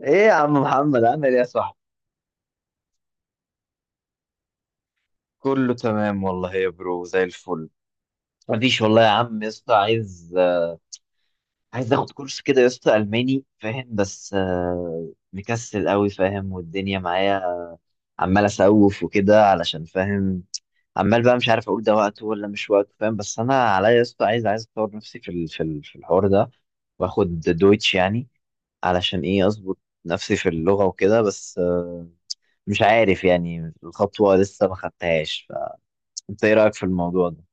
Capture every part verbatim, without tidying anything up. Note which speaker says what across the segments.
Speaker 1: ايه يا عم محمد، عامل ايه يا صاحبي؟ كله تمام والله يا برو، زي الفل. مفيش والله يا عم يا اسطى. عايز عايز اخد كورس كده يا اسطى، الماني، فاهم؟ بس آه، مكسل قوي، فاهم؟ والدنيا معايا، عمال اسوف وكده، علشان فاهم. عمال بقى مش عارف اقول ده وقته ولا مش وقته، فاهم؟ بس انا عليا يا اسطى، عايز عايز اطور نفسي في ال- في ال- في الحوار ده، واخد دويتش يعني. علشان ايه؟ اظبط نفسي في اللغة وكده. بس آه، مش عارف يعني، الخطوة لسه ما خدتهاش. انت ايه رايك في الموضوع ده؟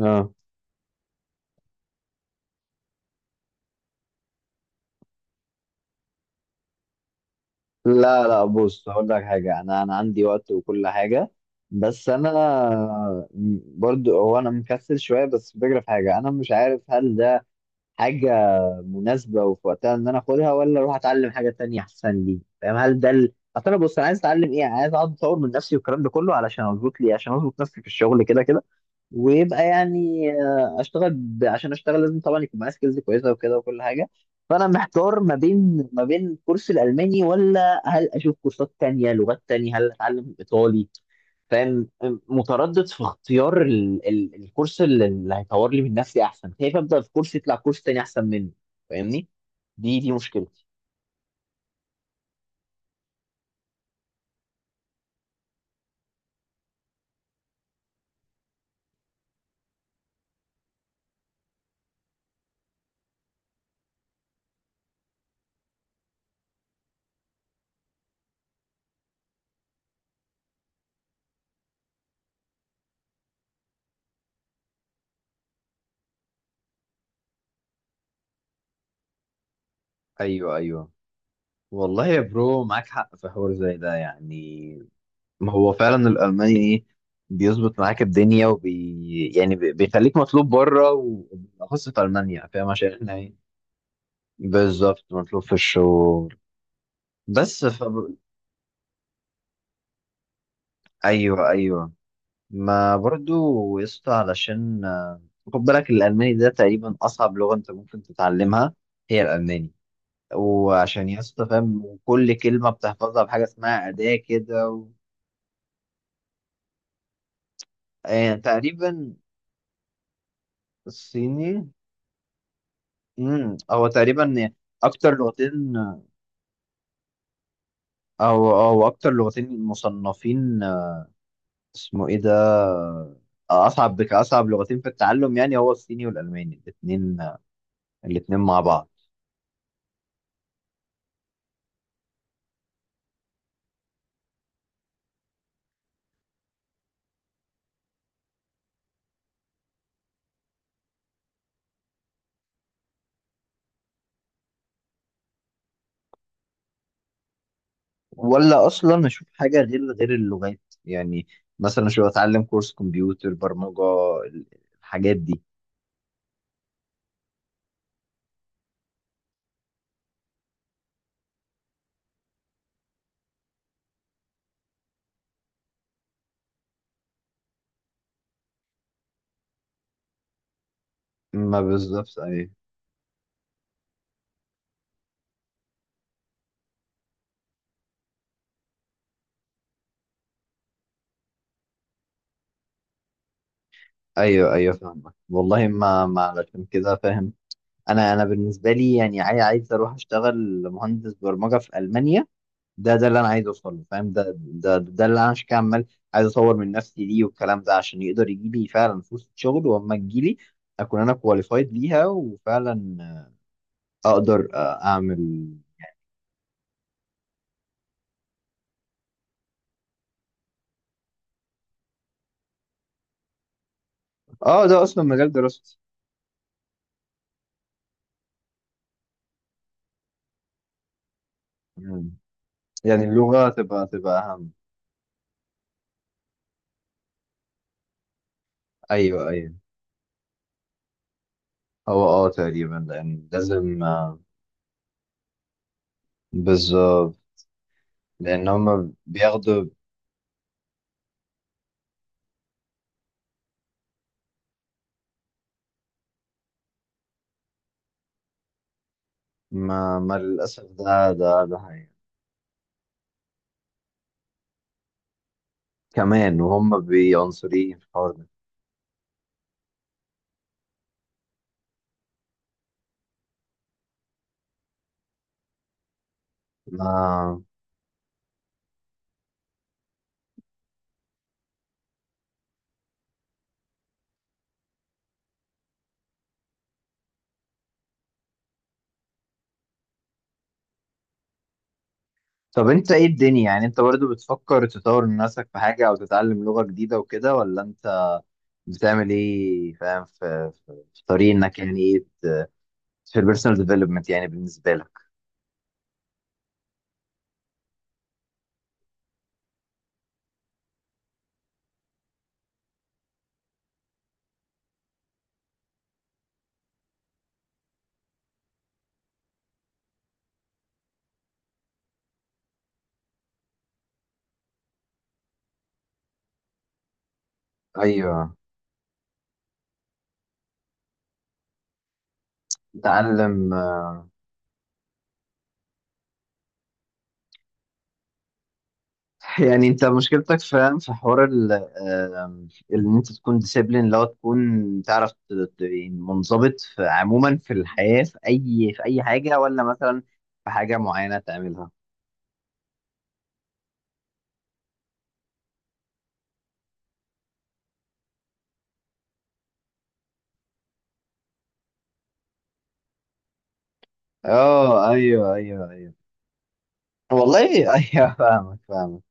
Speaker 1: اه. لا، لا، بص هقول لك حاجه، انا انا عندي وقت وكل حاجه. بس انا، برضو هو انا مكسل شويه، بس الفكره في حاجه، انا مش عارف هل ده حاجه مناسبه وفي وقتها ان انا اخدها، ولا اروح اتعلم حاجه تانية احسن لي، فاهم؟ هل ده ال... اصل انا، بص، انا عايز اتعلم ايه؟ عايز اقعد اطور من نفسي والكلام ده كله، علشان اظبط لي، عشان اظبط نفسي في الشغل كده كده، ويبقى يعني آه، اشتغل ب... عشان اشتغل لازم طبعا يكون معايا سكيلز كويسه وكده وكل حاجه. فانا محتار ما بين ما بين كورس الالماني، ولا هل اشوف كورسات تانية لغات تانية، هل اتعلم الايطالي؟ فاهم؟ متردد في اختيار ال... ال... الكورس اللي اللي هيطور لي من نفسي احسن، خايف ابدا في كورس يطلع كورس تاني احسن منه. فاهمني؟ دي دي مشكلتي. ايوه، ايوه، والله يا برو معاك حق في حوار زي ده يعني. ما هو فعلا الألماني إيه، بيظبط معاك الدنيا وبي يعني بي- بيخليك مطلوب بره وبالأخص في ألمانيا، فاهم؟ عشان إحنا إيه. بالظبط، مطلوب في الشغل. بس فب... أيوه، أيوه، ما برضو يسطا، علشان آه، خد بالك، الألماني ده تقريبا أصعب لغة أنت ممكن تتعلمها. هي الألماني، وعشان يسطا فاهم، كل كلمة بتحفظها بحاجة اسمها أداة كده و... آه، تقريبا. الصيني. امم هو تقريبا اكتر لغتين، او او اكتر لغتين مصنفين، آه، اسمه ايه ده، آه، اصعب كاصعب لغتين في التعلم، يعني هو الصيني والالماني الاثنين، الاثنين مع بعض. ولا اصلا اشوف حاجه غير غير اللغات يعني؟ مثلا شو اتعلم كورس كمبيوتر برمجه، ال- الحاجات دي. ما بالظبط، ايوه ايوه ايوه، فاهمك والله، ما ما علشان كده فاهم. انا انا بالنسبه لي يعني عاي- عايز اروح اشتغل مهندس برمجه في المانيا، ده ده اللي انا عايز اوصل له، فاهم؟ ده ده ده اللي انا عشان كده عمال عايز اطور من نفسي ليه والكلام ده، عشان يقدر يجي لي فعلا فرصه شغل، واما تجي لي اكون انا كواليفايد ليها وفعلا اقدر اعمل. اه، ده اصلا مجال دراستي. مم. يعني اللغه تبقى تبقى اهم. ايوه، ايوه. هو اه تقريبا، لان لازم آه، بالظبط. لان هم بياخدوا، ما, ما للاسف ده ده ده حقيقة. كمان، وهم بيعنصريين في الحوار ده. ما طب انت ايه الدنيا؟ يعني انت برضو بتفكر تطور من نفسك في حاجة او تتعلم لغة جديدة وكده، ولا انت بتعمل ايه؟ فاهم؟ في, في, في طريق انك يعني ايه، في البيرسونال ديفلوبمنت يعني بالنسبة لك. ايوه. تعلم. يعني انت مشكلتك فاهم؟ في حوار ال آم، ان انت تكون ديسيبلين، لو تكون تعرف ت- ت- يعني منضبط في عموما في الحياة، في اي في اي حاجة، ولا مثلا في حاجة معينة تعملها. اه، ايوه، ايوه، ايوه، والله ايوه، فاهمك فاهمك.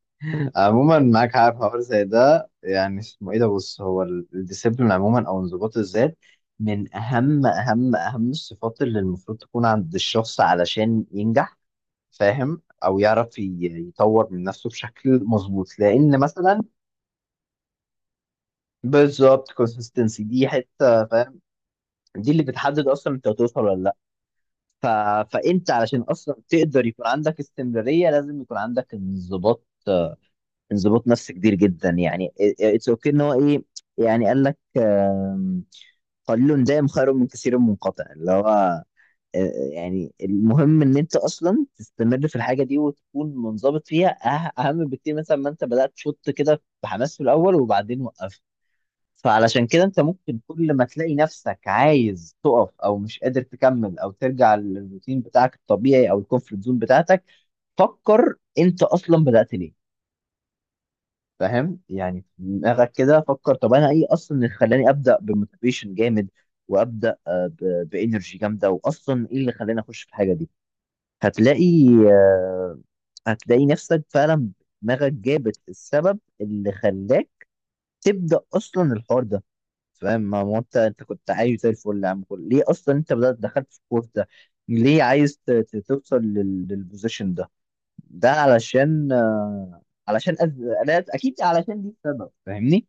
Speaker 1: عموما معاك حق في حوار زي ده يعني، اسمه ايه ده، بص هو ال- الديسيبلين عموما، او انضباط الذات، من اهم اهم اهم الصفات اللي المفروض تكون عند الشخص علشان ينجح. فاهم؟ او يعرف ي- يطور من نفسه بشكل مظبوط، لان مثلا بالظبط، consistency دي حته، فاهم؟ دي اللي بتحدد اصلا انت هتوصل ولا لا. ف... فانت علشان اصلا تقدر يكون عندك استمراريه لازم يكون عندك انضباط. انضباط نفسي كبير جدا يعني. اتس اوكي ان هو ايه، يعني قال لك آم، قليل دائم خير من كثير منقطع، اللي هو آه، يعني، المهم ان انت اصلا تستمر في الحاجه دي وتكون منضبط فيها، أه- اهم بكتير مثلا ما انت بدات تشط كده بحماس في الاول وبعدين وقفت. فعلشان كده انت ممكن كل ما تلاقي نفسك عايز تقف، او مش قادر تكمل، او ترجع للروتين بتاعك الطبيعي او الكومفورت زون بتاعتك، فكر انت اصلا بدات ليه. فاهم؟ يعني في دماغك كده فكر، طب انا ايه اصلا اللي خلاني ابدا بموتيفيشن جامد، وابدا آه، ب- بانرجي جامده، واصلا ايه اللي خلاني اخش في الحاجه دي. هتلاقي آه، هتلاقي نفسك فعلا دماغك جابت السبب اللي خلاك تبدا اصلا الحوار ده. فاهم؟ ما هو انت انت كنت عايز زي الفل يا عم. كل ليه اصلا انت بدات دخلت في الكورس ده؟ ليه عايز ت- ت- توصل لل- للبوزيشن ده، ده علشان آه، علشان أز... لا، اكيد علشان دي السبب، فاهمني؟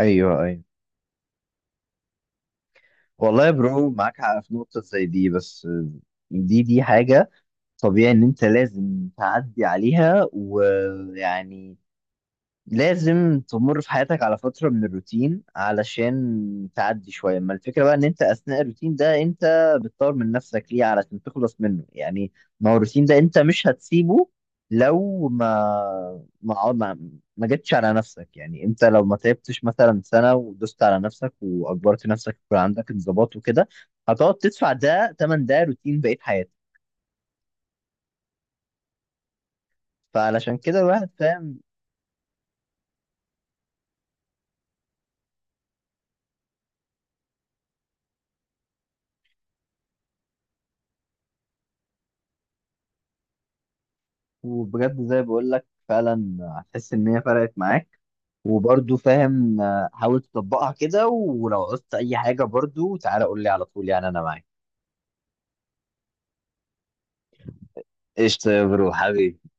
Speaker 1: ايوه، ايوه، والله يا برو معاك حق في نقطة زي دي، بس دي دي حاجة طبيعي ان انت لازم تعدي عليها، ويعني لازم تمر في حياتك على فترة من الروتين علشان تعدي شوية. ما الفكرة بقى ان انت اثناء الروتين ده، انت بتطور من نفسك ليه؟ علشان تخلص منه يعني. ما هو الروتين ده انت مش هتسيبه لو ما ما ما, ما جتش على نفسك يعني. انت لو ما تعبتش مثلا سنة ودوست على نفسك واجبرت نفسك يكون عندك انضباط وكده، هتقعد تدفع ده تمن، ده روتين بقية حياتك. فعلشان كده الواحد فاهم. وبجد زي بقول لك، فعلا هتحس ان هي فرقت معاك. وبرضو فاهم، آه، حاول تطبقها كده، ولو عوزت اي حاجه برضو تعالى قول لي على طول، يعني انا معاك. قشطه يا برو حبيبي.